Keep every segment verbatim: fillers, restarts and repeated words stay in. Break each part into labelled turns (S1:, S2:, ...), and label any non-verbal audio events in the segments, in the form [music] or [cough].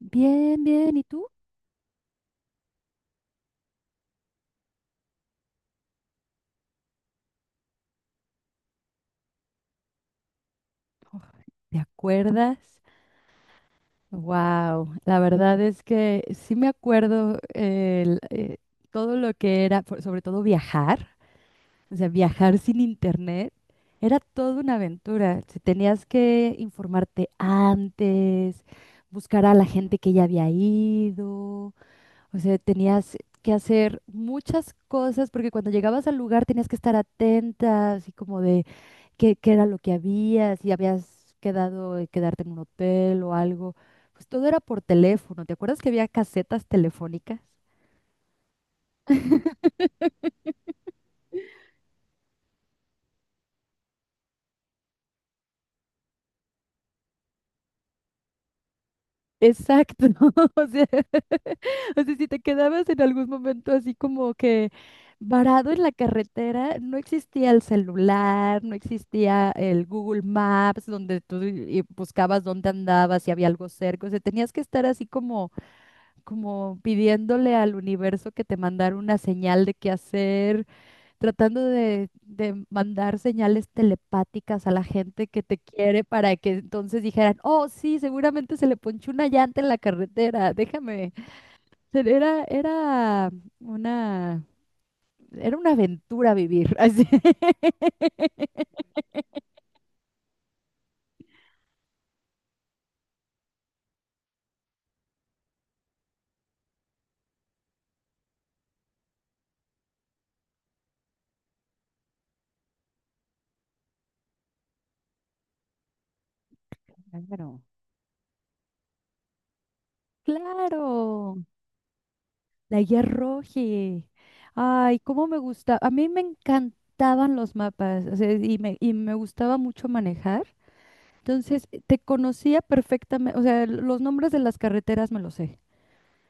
S1: Bien, bien. ¿Y tú? ¿Te acuerdas? Wow, la verdad es que sí me acuerdo el, eh, todo lo que era, por- sobre todo viajar, o sea, viajar sin internet, era toda una aventura. Si tenías que informarte antes, buscar a la gente que ya había ido. O sea, tenías que hacer muchas cosas porque cuando llegabas al lugar tenías que estar atenta, así como de qué, qué era lo que había, si habías quedado, de quedarte en un hotel o algo. Pues todo era por teléfono. ¿Te acuerdas que había casetas telefónicas? Exacto, [laughs] o sea, [laughs] o sea, si te quedabas en algún momento así como que varado en la carretera, no existía el celular, no existía el Google Maps donde tú y buscabas dónde andabas, si había algo cerca, o sea, tenías que estar así como, como pidiéndole al universo que te mandara una señal de qué hacer, tratando de, de mandar señales telepáticas a la gente que te quiere para que entonces dijeran, oh, sí, seguramente se le ponchó una llanta en la carretera, déjame. Era, era una, era una aventura vivir. [laughs] Así. Claro. Claro, la guía Roji. Ay, cómo me gusta. A mí me encantaban los mapas, o sea, y me, y me gustaba mucho manejar. Entonces, te conocía perfectamente, o sea, los nombres de las carreteras me los sé.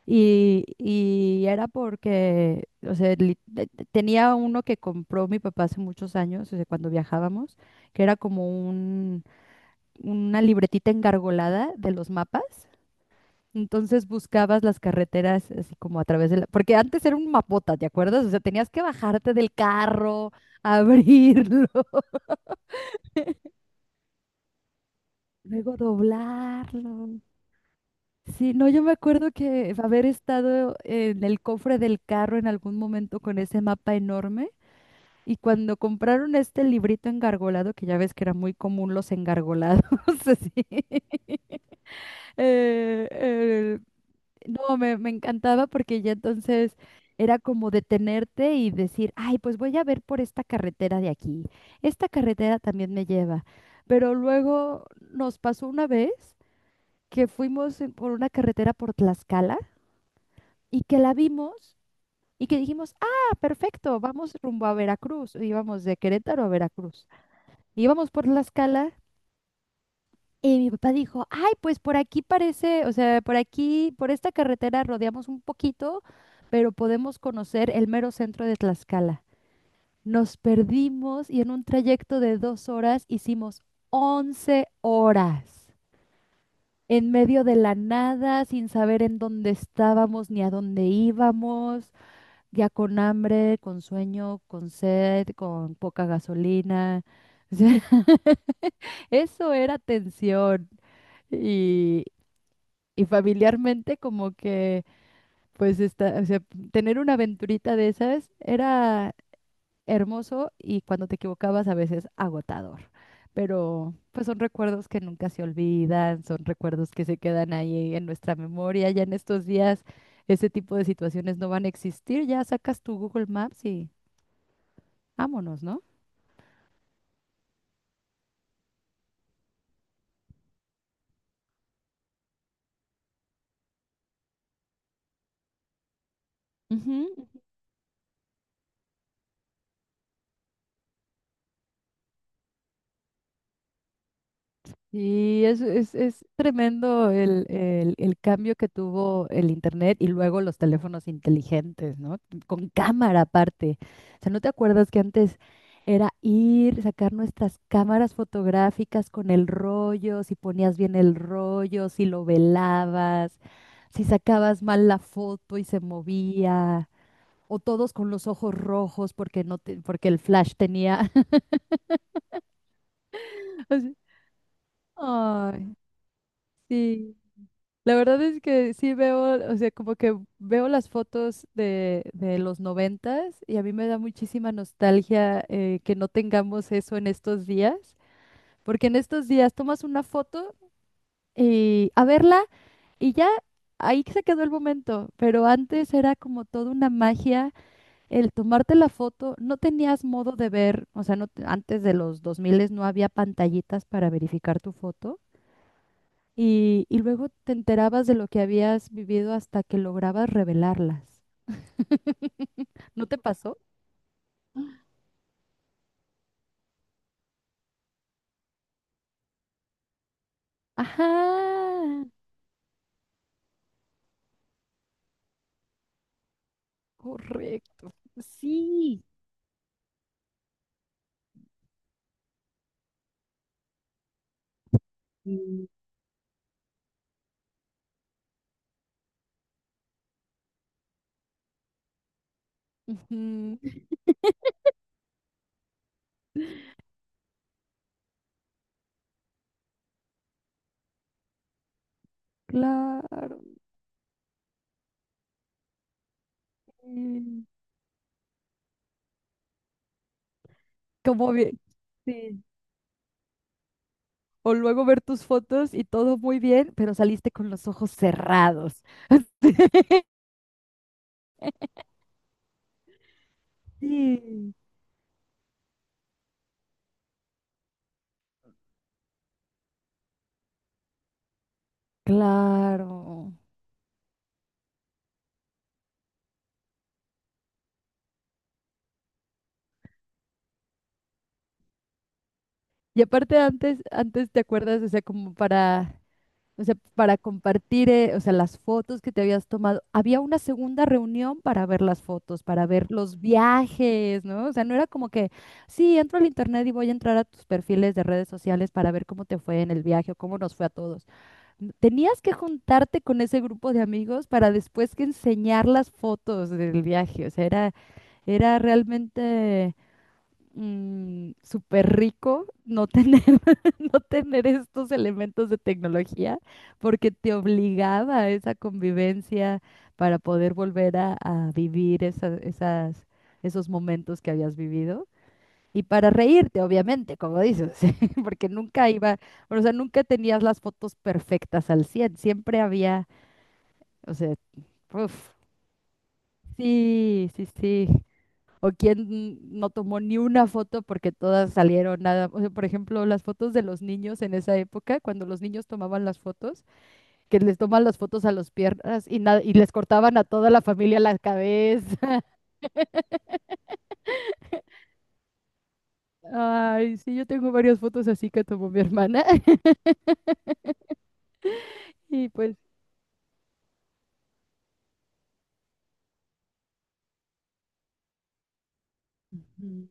S1: Y, y era porque, o sea, li- te- te- tenía uno que compró mi papá hace muchos años, o sea, cuando viajábamos, que era como un, una libretita engargolada de los mapas. Entonces buscabas las carreteras así como a través de la... Porque antes era un mapota, ¿te acuerdas? O sea, tenías que bajarte del carro, abrirlo, [laughs] luego doblarlo. Sí, no, yo me acuerdo que haber estado en el cofre del carro en algún momento con ese mapa enorme. Y cuando compraron este librito engargolado, que ya ves que era muy común los engargolados, [laughs] así. eh, eh, no, me, me encantaba porque ya entonces era como detenerte y decir, ay, pues voy a ver por esta carretera de aquí. Esta carretera también me lleva. Pero luego nos pasó una vez que fuimos en- por una carretera por Tlaxcala y que la vimos y que dijimos, ah, perfecto, vamos rumbo a Veracruz. Íbamos de Querétaro a Veracruz. Íbamos por la escala y mi papá dijo, ay, pues por aquí parece, o sea, por aquí, por esta carretera rodeamos un poquito, pero podemos conocer el mero centro de Tlaxcala. Nos perdimos y en un trayecto de dos horas hicimos once horas, en medio de la nada, sin saber en dónde estábamos ni a dónde íbamos, ya con hambre, con sueño, con sed, con poca gasolina. [laughs] O sea, eso era tensión. Y, y familiarmente como que, pues, esta- o sea, tener una aventurita de esas era hermoso y cuando te equivocabas a veces agotador. Pero pues son recuerdos que nunca se olvidan, son recuerdos que se quedan ahí en nuestra memoria. Ya en estos días ese tipo de situaciones no van a existir. Ya sacas tu Google Maps y vámonos, ¿no? Y es, es, es tremendo el, el- el cambio que tuvo el Internet y luego los teléfonos inteligentes, ¿no? Con cámara aparte. O sea, ¿no te acuerdas que antes era ir, sacar nuestras cámaras fotográficas con el rollo, si ponías bien el rollo, si lo velabas, si sacabas mal la foto y se movía, o todos con los ojos rojos porque no te- porque el flash tenía. [laughs] Así, ay, sí. La verdad es que sí veo, o sea, como que veo las fotos de, de los noventas y a mí me da muchísima nostalgia eh, que no tengamos eso en estos días, porque en estos días tomas una foto y a verla y ya ahí se quedó el momento, pero antes era como toda una magia el tomarte la foto, no tenías modo de ver, o sea, no, te- antes de los dos mil no había pantallitas para verificar tu foto y, y luego te enterabas de lo que habías vivido hasta que lograbas revelarlas. [laughs] ¿No te pasó? Ajá, correcto. Sí. Mm. Ujú. [laughs] Claro. Mm. Como bien. Sí. O luego ver tus fotos y todo muy bien, pero saliste con los ojos cerrados. [laughs] Sí, claro. Y aparte antes, antes te acuerdas, o sea, como para o sea, para compartir, eh, o sea, las fotos que te habías tomado. Había una segunda reunión para ver las fotos, para ver los viajes, ¿no? O sea, no era como que, sí, entro al internet y voy a entrar a tus perfiles de redes sociales para ver cómo te fue en el viaje o cómo nos fue a todos. N- Tenías que juntarte con ese grupo de amigos para después que enseñar las fotos del viaje. O sea, era, era realmente mm, súper rico no tener, [laughs] no tener estos elementos de tecnología, porque te obligaba a esa convivencia para poder volver a, a vivir esa- esas, esos momentos que habías vivido. Y para reírte, obviamente, como dices, [laughs] porque nunca iba, o sea, nunca tenías las fotos perfectas al cien siempre había, o sea, uf, sí, sí, sí, o quién no tomó ni una foto porque todas salieron nada. O sea, por ejemplo, las fotos de los niños en esa época, cuando los niños tomaban las fotos, que les toman las fotos a los piernas y, nada y les cortaban a toda la familia la cabeza. [laughs] Ay, sí, yo tengo varias fotos así que tomó mi hermana. [laughs] Y pues. Ujú.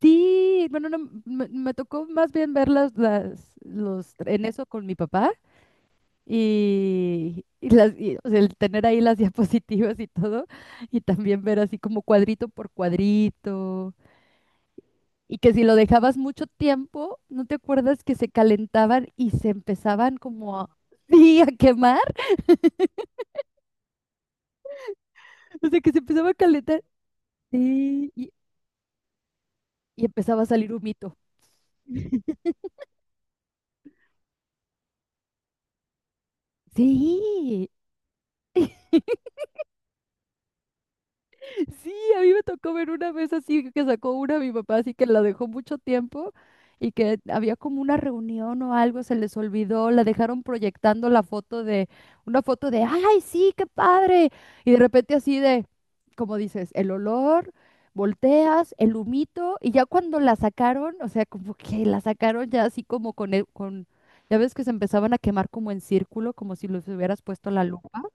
S1: Sí, bueno, no, me, me tocó más bien verlas las, los, en eso con mi papá. y, y las, y, o sea, el tener ahí las [laughs] diapositivas y todo, y también ver así como cuadrito por cuadrito, y que si lo dejabas mucho tiempo, ¿no te acuerdas que se calentaban y se empezaban como a, [laughs] sí, a quemar? O sea, que se empezaba a calentar, sí, y, y empezaba a salir humito. Sí. [laughs] Sí, a mí me tocó ver una vez así que sacó una mi papá, así que la dejó mucho tiempo y que había como una reunión o algo, se les olvidó, la dejaron proyectando la foto de, una foto de, ay, sí, qué padre. Y de repente así de, como dices, el olor, volteas, el humito, y ya cuando la sacaron, o sea, como que la sacaron ya así como con, el- con, ya ves que se empezaban a quemar como en círculo, como si los hubieras puesto la lupa. [laughs]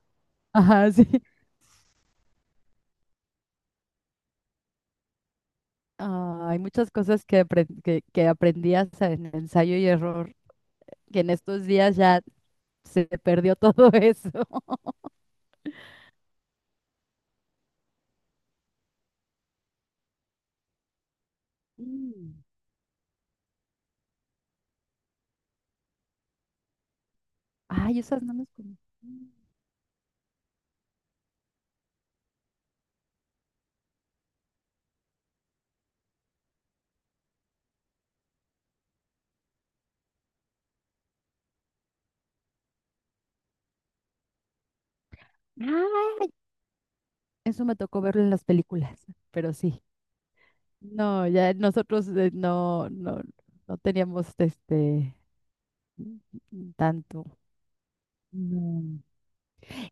S1: Ajá, sí. Ah, hay muchas cosas que, apren- que, que aprendí hasta en ensayo y error, que en estos días ya se perdió todo [laughs] eso. Mm. Ay, esas no las conozco. Ay, eso me tocó verlo en las películas, pero sí. No, ya nosotros eh, no, no, no teníamos este mm, tanto. No.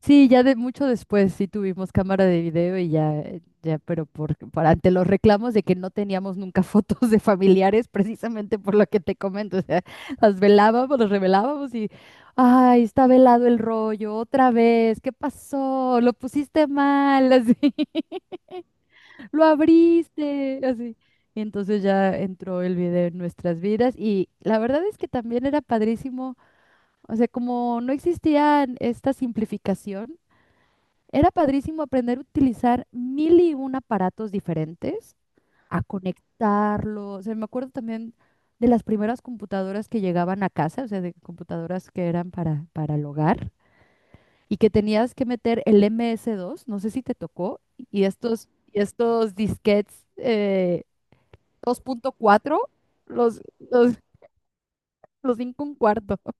S1: Sí, ya de mucho después sí tuvimos cámara de video y ya, eh, ya, pero por, por ante los reclamos de que no teníamos nunca [laughs] fotos de familiares, precisamente por lo que te comento, o sea, las velábamos, las revelábamos y, ay, está velado el rollo, otra vez, ¿qué pasó? Lo pusiste mal, así, [laughs] lo abriste, así. Y entonces ya entró el video en nuestras vidas y la verdad es que también era padrísimo, o sea, como no existía esta simplificación. Era padrísimo aprender a utilizar mil y un aparatos diferentes, a conectarlos. O sea, me acuerdo también de las primeras computadoras que llegaban a casa, o sea, de computadoras que eran para, para el hogar y que tenías que meter el M S dos, no sé si te tocó, y estos, y estos, disquetes eh, dos punto cuatro, los, los, los cinco un cuarto un cuarto.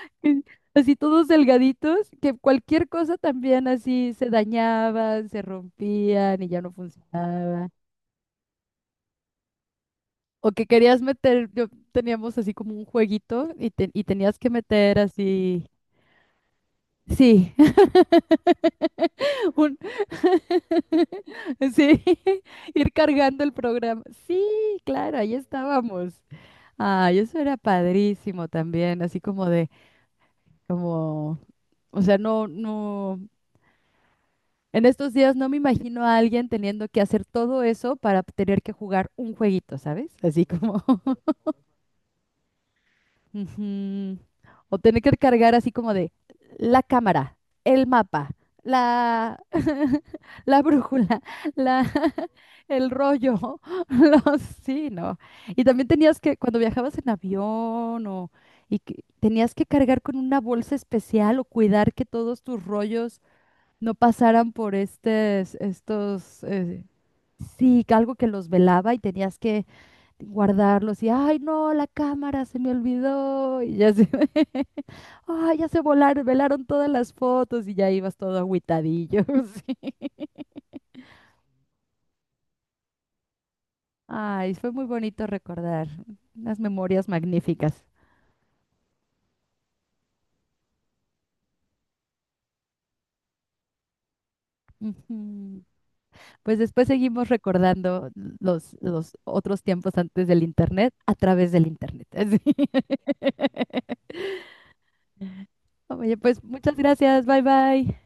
S1: [laughs] que- Así todos delgaditos, que cualquier cosa también así se dañaban, se rompían y ya no funcionaba. O que querías meter, yo teníamos así como un jueguito y, te- y tenías que meter así, sí, [laughs] un, [laughs] sí, [laughs] ir cargando el programa. Sí, claro, ahí estábamos. Ay, eso era padrísimo también, así como de, como, o sea, no, no. En estos días no me imagino a alguien teniendo que hacer todo eso para tener que jugar un jueguito, ¿sabes? Así como. [laughs] Ujú. O tener que cargar así como de la cámara, el mapa, la, [laughs] la brújula, la, [laughs] el rollo, [laughs] los, sí, ¿no? Y también tenías que, cuando viajabas en avión o, y que tenías que cargar con una bolsa especial o cuidar que todos tus rollos no pasaran por estes- estos, eh, sí, que algo que los velaba y tenías que guardarlos y, ay, no, la cámara se me olvidó y ya se, [laughs] ay, ya se volaron, velaron todas las fotos y ya ibas todo agüitadillo. [laughs] Sí. Ay, fue muy bonito recordar unas memorias magníficas. Ujú. Pues después seguimos recordando los, los otros tiempos antes del internet a través del internet. [laughs] Así. [laughs] Oye, pues muchas gracias, bye bye.